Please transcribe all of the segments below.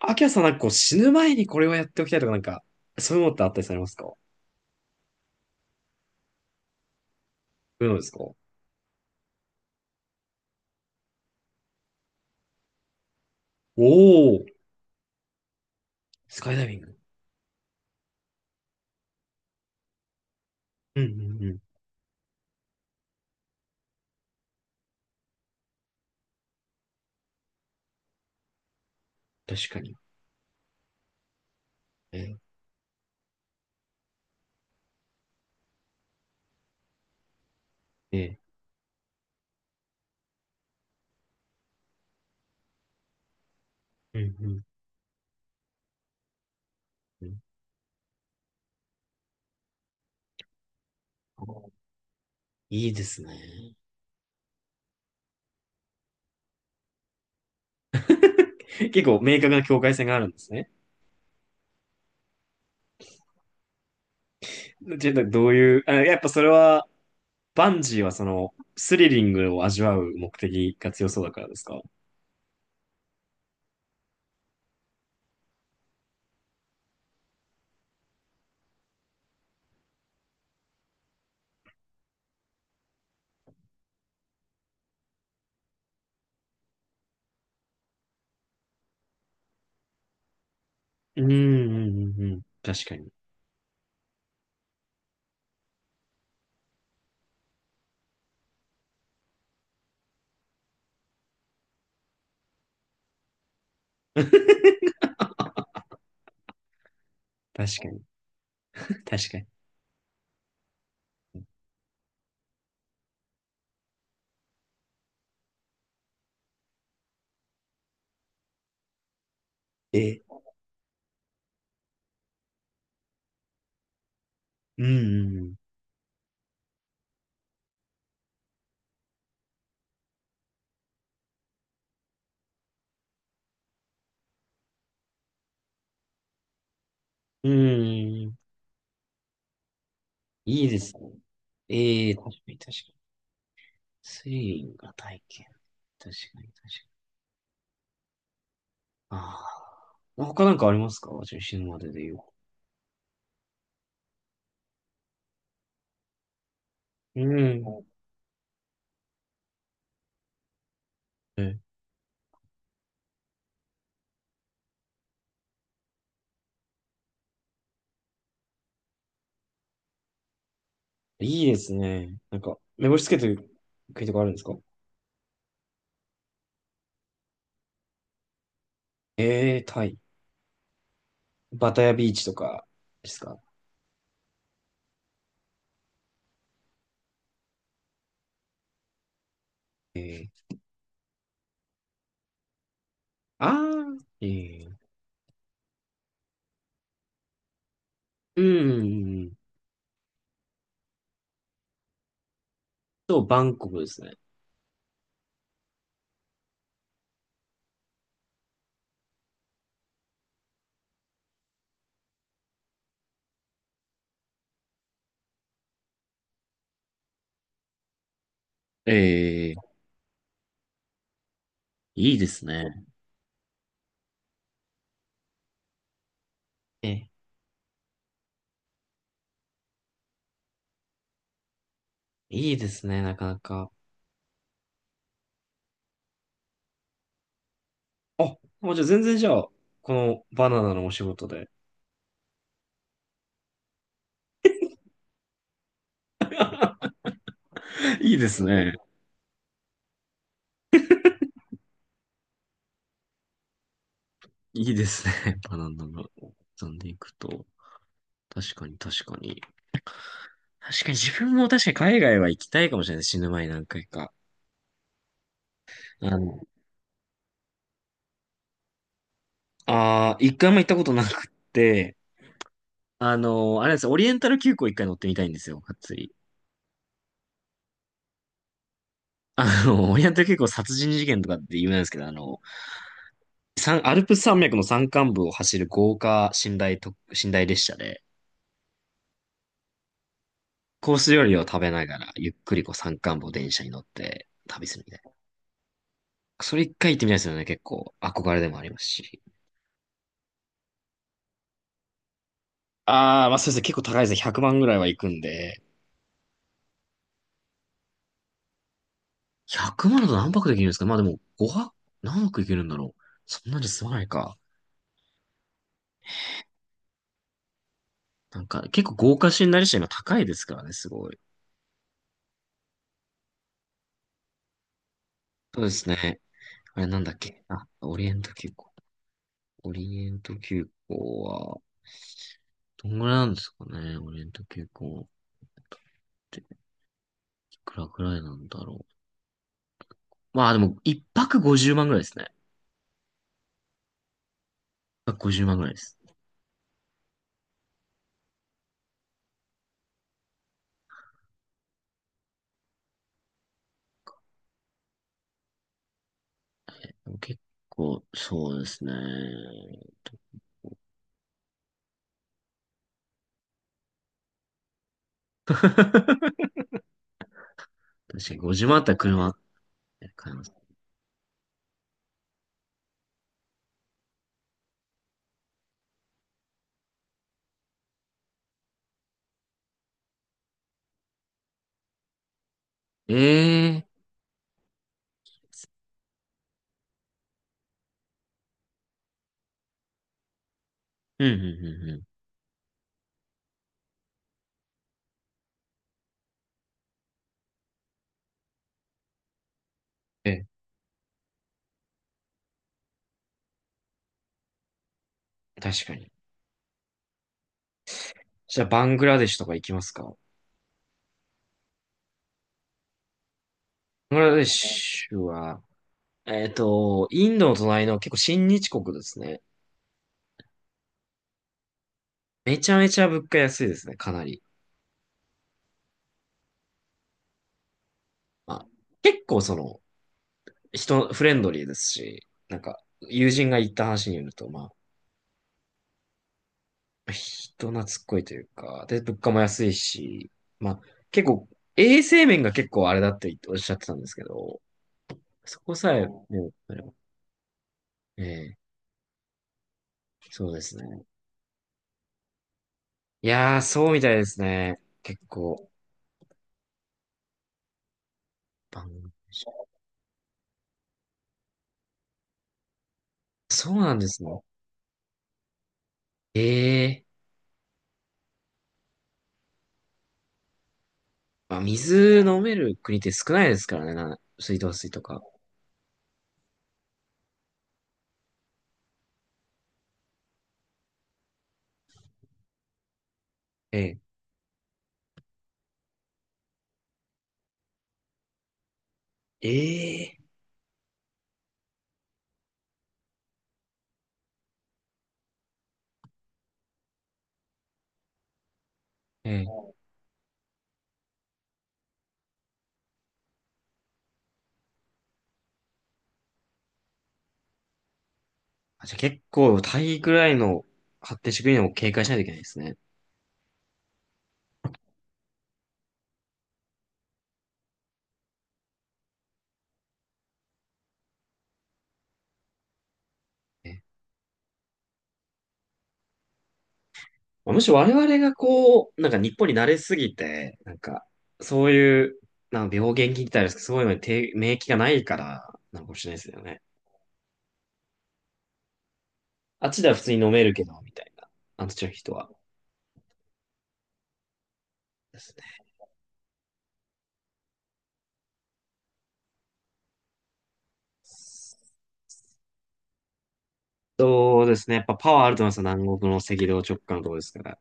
アキラさんこう死ぬ前にこれをやっておきたいとかそういうのってあったりされますか？そういうのですか？お、お、スカイダイビング。うんうんうん。確かに。ええええ、うんうんうん、いいですね。結構明確な境界線があるんですね。ちょっとどういう、あ、やっぱそれは、バンジーはその、スリリングを味わう目的が強そうだからですか？うんうんうんうん。確かに。確かに。確かに。ええ。うんうん。うんうんうん。いいですね。ええ、確かに確かに。スリリングが体験。確かに確かに。ああ。他なんかありますか？じゃあ死ぬまでで言う。うん。え、いいですね。目星つけてる国とかあるんですか？ええ、タイ。バタヤビーチとかですか？ええ、ああ、ええ、うん、うんうん。そう、バンコクですね。ええ、いいですね。え、いいですね、なかなか。あ、もうじゃあ全然じゃあ、このバナナのお仕事で。いいですね。いいですね。バナナが飛んでいくと。確かに確かに。確かに自分も確かに海外は行きたいかもしれない。死ぬ前に何回か。あの、あー一回も行ったことなくって、あの、あれなんですよ、オリエンタル急行一回乗ってみたいんですよ、がっつり。あの、オリエンタル急行殺人事件とかって有名なんですけど、あの、三アルプス山脈の山間部を走る豪華寝台特、寝台列車で、コース料理を食べながら、ゆっくりこう山間部を電車に乗って旅するみたいな。それ一回行ってみたいですよね。結構憧れでもありますし。ああ、まあそうですね。結構高いですね。100万ぐらいは行くんで。100万だと何泊できるんですか？まあでも5泊、何泊いけるんだろう。そんなに済まないか。なんか結構豪華シナリシア今高いですからね、すごい。そうですね。あれなんだっけ、あ、オリエント急行。オリエント急行は、どんぐらいなんですかね、オリエント急行って、いくらぐらいなんだろう。まあでも、一泊50万ぐらいですね。一泊50万ぐらいです。でも結構、そうですね。確かに5時万あったら車買います。ええ、うん、うん、うん、うん。え、確かに。じゃあ、バングラデシュとか行きますか？バングラデシュは、えっと、インドの隣の結構親日国ですね。めちゃめちゃ物価安いですね、かなり。まあ、結構その、人、フレンドリーですし、友人が言った話によると、まあ、人懐っこいというか、で、物価も安いし、まあ、結構、衛生面が結構あれだっておっしゃってたんですけど、そこさえ、ね、ええ、そうですね。いやー、そうみたいですね。結構、バングラデシュ、そうなんですね。ええ、まあ、水飲める国って少ないですからね、な、水道水とか。ええ、ええ、ええ。あ、じゃあ結構、タイぐらいの発展してくるのを警戒しないといけないですね。ええ、まあむしろ我々がこう、なんか日本に慣れすぎて、なんか、そういう、なんか病原菌って言ったらあれですけど、そういうのに抵免疫がないから、なのかもしれないですよね。あっちでは普通に飲めるけど、みたいな。あっちの人は。ですね。そうですね。やっぱパワーあると思いますよ。南国の赤道直下のところですから。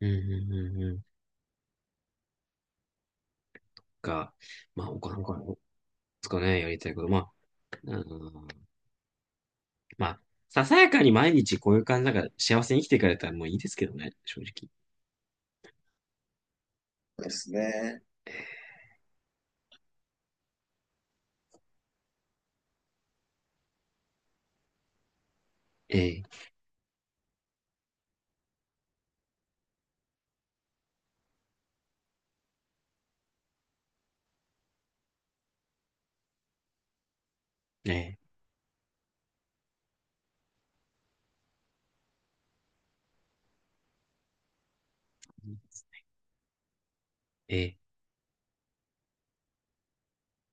うん、うん、うん、うん。か、まあ、他のかですかね、やりたいこと。まあ、うん、まあ、ささやかに毎日こういう感じだから幸せに生きていかれたらもういいですけどね、正直。そうですね。ええ、ええ、ええ。